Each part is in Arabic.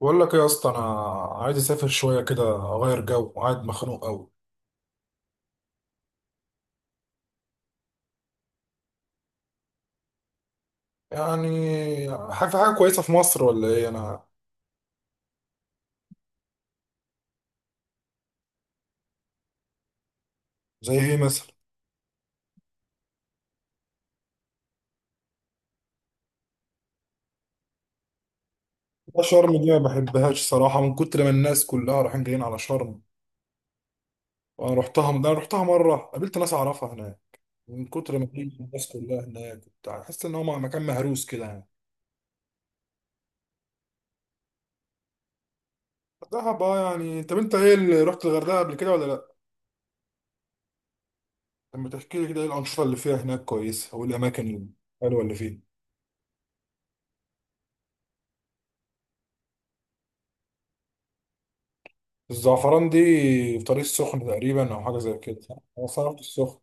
بقول لك ايه يا اسطى. انا عايز اسافر شويه كده اغير جو وقاعد مخنوق قوي. يعني حاجه في حاجه كويسه في مصر ولا ايه انا؟ زي ايه مثلا؟ لا، شرم دي ما بحبهاش صراحه، من كتر ما الناس كلها رايحين جايين على شرم، وانا رحتها. انا رحتها مره، قابلت ناس اعرفها هناك، من كتر ما في الناس كلها هناك وبتاع، حاسس ان هو مكان مهروس كده يعني. دهب، اه يعني. طب انت ايه، اللي رحت الغردقه قبل كده ولا لا؟ لما تحكي لي كده، ايه الانشطه اللي فيها هناك كويسه والاماكن الحلوه اللي فيها؟ الزعفران دي في طريق السخن تقريبا او حاجه زي كده؟ انا صرفت السخن.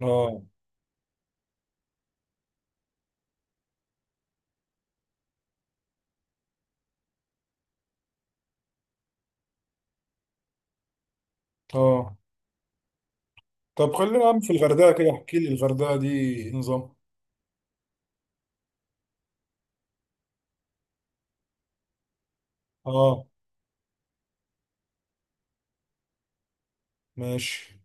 اه، اه. طب خلينا يا عم في الغردقه كده، احكي لي الغردقه دي إيه نظام؟ اه، ماشي.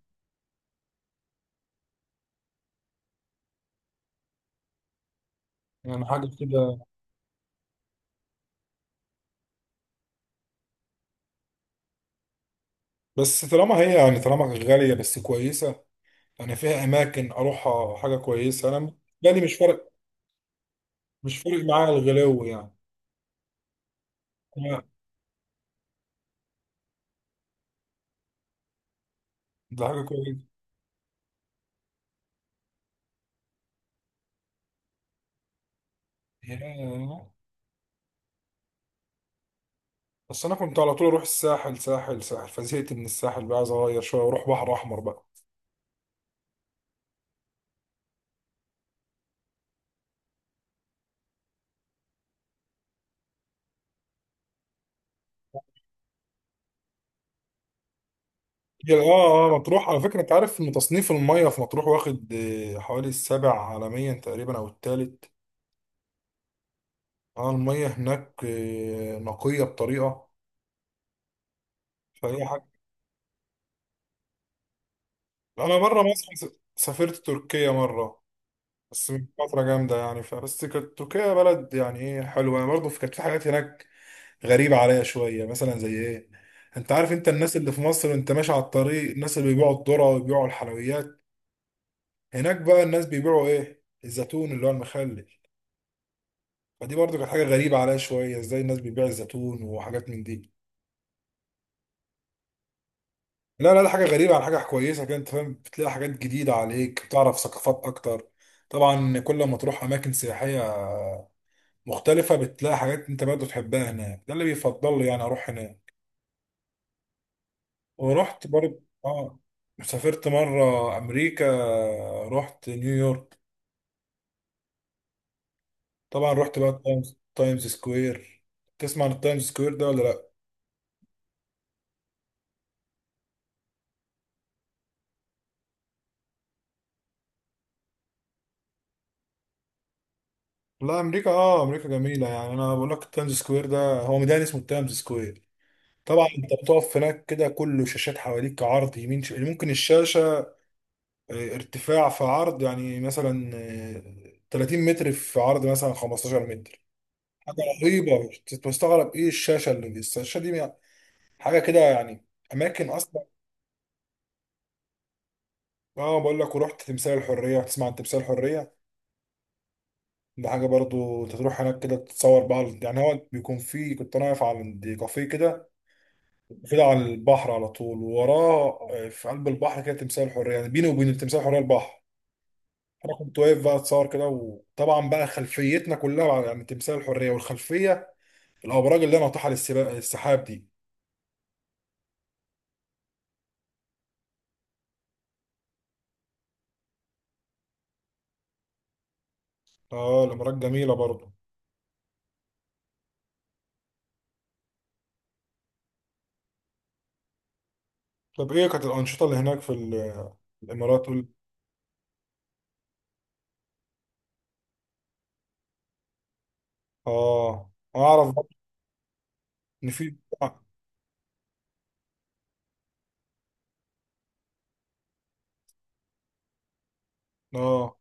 يعني حاجه كده. بس طالما هي يعني طالما غاليه بس كويسه، يعني فيها اماكن اروحها، حاجه كويسه انا. بالي مش فارق، مش فارق معايا الغلو يعني. لا. ده حاجه كويسه. ياه. بس انا كنت على طول اروح الساحل، ساحل ساحل، فزهقت من الساحل بقى، عايز اغير شويه واروح بحر احمر بقى. هي، اه اه، مطروح على فكرة، انت عارف ان تصنيف المية في مطروح واخد حوالي السابع عالميا تقريبا او الثالث. اه، المية هناك نقية بطريقة، فهي حاجة. انا بره مصر سافرت تركيا مرة، بس من فترة جامدة يعني. فبس كانت تركيا بلد يعني ايه، حلوة يعني، برضه كانت في حاجات هناك غريبة عليا شوية. مثلا زي ايه؟ انت عارف انت، الناس اللي في مصر انت ماشي على الطريق الناس اللي بيبيعوا الذرة ويبيعوا الحلويات، هناك بقى الناس بيبيعوا ايه، الزيتون اللي هو المخلل. فدي برضو كانت حاجه غريبه عليا شويه، ازاي الناس بتبيع الزيتون وحاجات من دي. لا لا لا، حاجه غريبه على حاجه كويسه كده، انت فاهم، بتلاقي حاجات جديده عليك، بتعرف ثقافات اكتر. طبعا كل ما تروح اماكن سياحيه مختلفه، بتلاقي حاجات انت برضو تحبها هناك، ده اللي بيفضل لي يعني اروح هناك. ورحت برضو اه، سافرت مره امريكا، رحت نيويورك. طبعا رحت بقى تايمز سكوير. تسمع عن التايمز سكوير ده ولا لا؟ لا امريكا اه، امريكا جميله يعني. انا بقول لك، التايمز سكوير ده هو ميدان اسمه التايمز سكوير. طبعا انت بتقف هناك كده كله شاشات حواليك، عرض يمين ممكن الشاشه ارتفاع في عرض يعني مثلا 30 متر في عرض مثلا 15 متر. حاجه رهيبه، تستغرب ايه الشاشه اللي دي، الشاشه دي. يعني حاجه كده يعني، اماكن اصلا. اه بقول لك، ورحت تمثال الحريه. تسمع عن تمثال الحريه؟ ده حاجه برضو انت تروح هناك كده تتصور بقى يعني. هو بيكون فيه، كنت انا واقف عند كافيه كده، المفروض على البحر على طول، ووراه في قلب البحر كده تمثال الحريه، يعني بيني وبين تمثال الحريه البحر. انا كنت واقف بقى اتصور كده، وطبعا بقى خلفيتنا كلها يعني تمثال الحريه، والخلفيه الابراج اللي انا ناطحه السحاب دي. اه الامارات جميله برضه. طب ايه كانت الانشطه اللي هناك في الامارات قول؟ اه اعرف برضه ان في اه.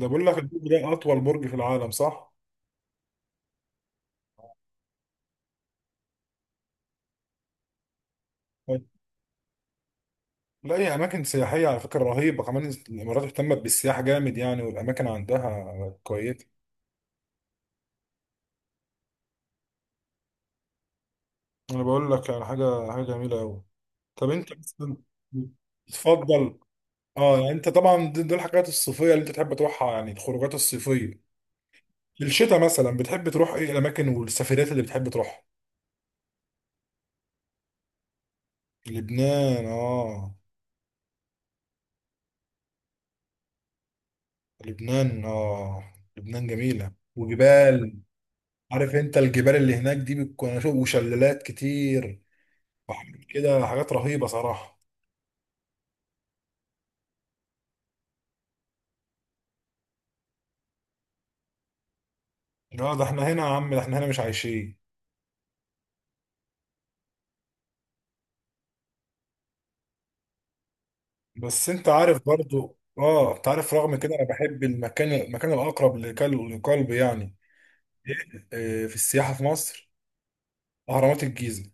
ده بقول لك، البرج ده اطول برج في العالم صح؟ لا هي اماكن سياحيه على فكره رهيبه، كمان الامارات اهتمت بالسياحه جامد يعني، والاماكن عندها كويسه. انا بقول لك على حاجه، حاجه جميله قوي. طب انت مثلا بتفضل؟ اه يعني انت طبعا دي الحاجات الصيفيه اللي انت تحب تروحها يعني، الخروجات الصيفيه. في الشتاء مثلا بتحب تروح ايه الاماكن والسفريات اللي بتحب تروحها؟ لبنان اه، لبنان اه، لبنان جميله وجبال. عارف انت الجبال اللي هناك دي بتكون، أنا شوف، وشلالات كتير وحاجات كده، حاجات رهيبه صراحه. اه ده احنا هنا يا عم، ده احنا هنا مش عايشين. بس انت عارف برضو اه، انت عارف رغم كده انا بحب المكان، المكان الاقرب لقلبي يعني. إيه، في السياحه في مصر اهرامات الجيزه،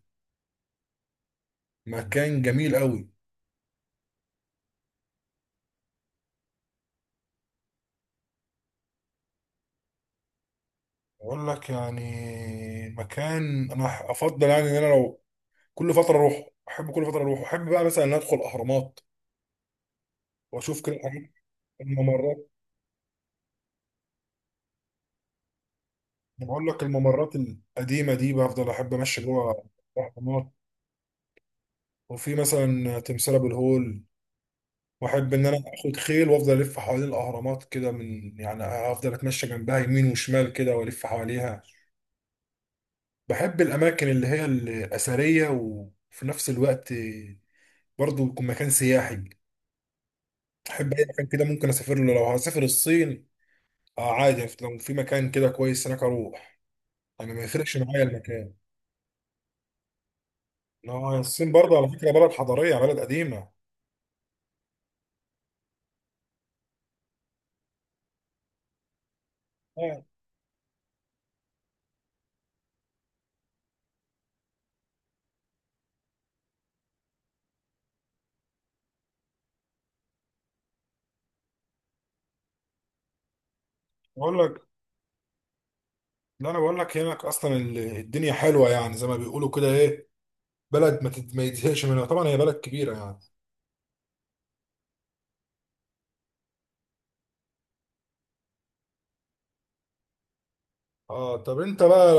مكان جميل قوي. اقول لك يعني، مكان انا افضل يعني، ان انا لو كل فتره اروح احب، كل فتره اروح احب بقى مثلا ان ادخل اهرامات واشوف كده الممرات. أنا بقول لك، الممرات القديمه دي بفضل احب امشي جوه الاهرامات. وفي مثلا تمثال ابو الهول، واحب ان انا اخد خيل وافضل الف حوالين الاهرامات كده، من يعني افضل اتمشى جنبها يمين وشمال كده والف حواليها. بحب الاماكن اللي هي الاثريه وفي نفس الوقت برضه يكون مكان سياحي. احب اي مكان كده ممكن اسافر له، لو هسافر الصين اه عادي يعني، لو في مكان كده كويس هناك اروح، يعني ما يفرقش معايا المكان. اه الصين برضه على فكره بلد حضاريه، بلد قديمه. آه، بقول لك، لا انا بقول لك هناك اصلا الدنيا حلوه يعني، زي ما بيقولوا كده ايه، بلد ما يتزهقش منها، طبعا هي بلد كبيرة يعني. اه طب انت بقى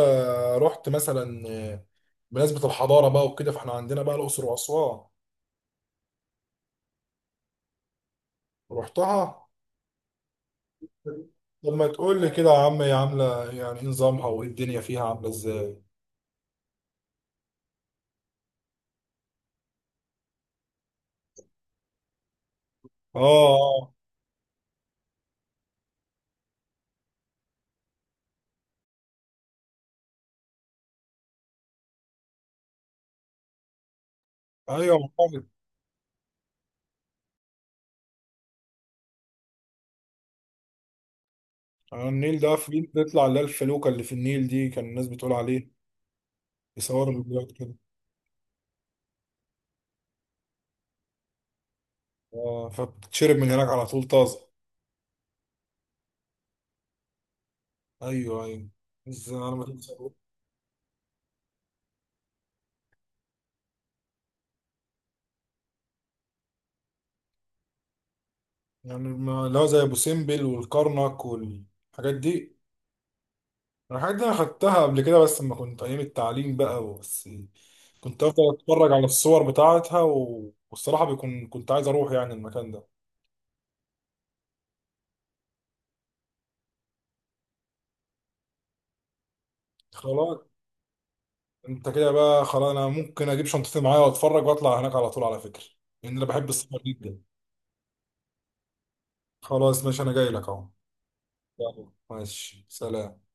رحت مثلا بمناسبة الحضارة بقى وكده، فاحنا عندنا بقى الأقصر وأسوان؟ رحتها. طب ما تقول لي كده يا عم، هي عاملة يعني ايه نظامها، وايه الدنيا فيها عاملة ازاي؟ اه، اه، ايوه محافظ. على النيل ده في بيطلع اللي هي الفلوكة اللي في النيل دي، كان الناس بتقول عليه يصوروا فيديوهات كده. اه، فبتشرب من هناك على طول طازة. ايوه ايوه، ازاي انا ما كنتش، يعني ما لا زي ابو سمبل والكرنك والحاجات دي. الحاجات دي انا خدتها قبل كده، بس لما كنت ايام التعليم بقى، بس كنت افضل اتفرج على الصور بتاعتها والصراحه بيكون كنت عايز اروح يعني المكان ده. خلاص، انت كده بقى خلاص، انا ممكن اجيب شنطتي معايا واتفرج واطلع هناك على طول على فكره، لان انا بحب السفر جدا. خلاص ماشي، انا جاي لك اهو. يلا، ماشي، سلام.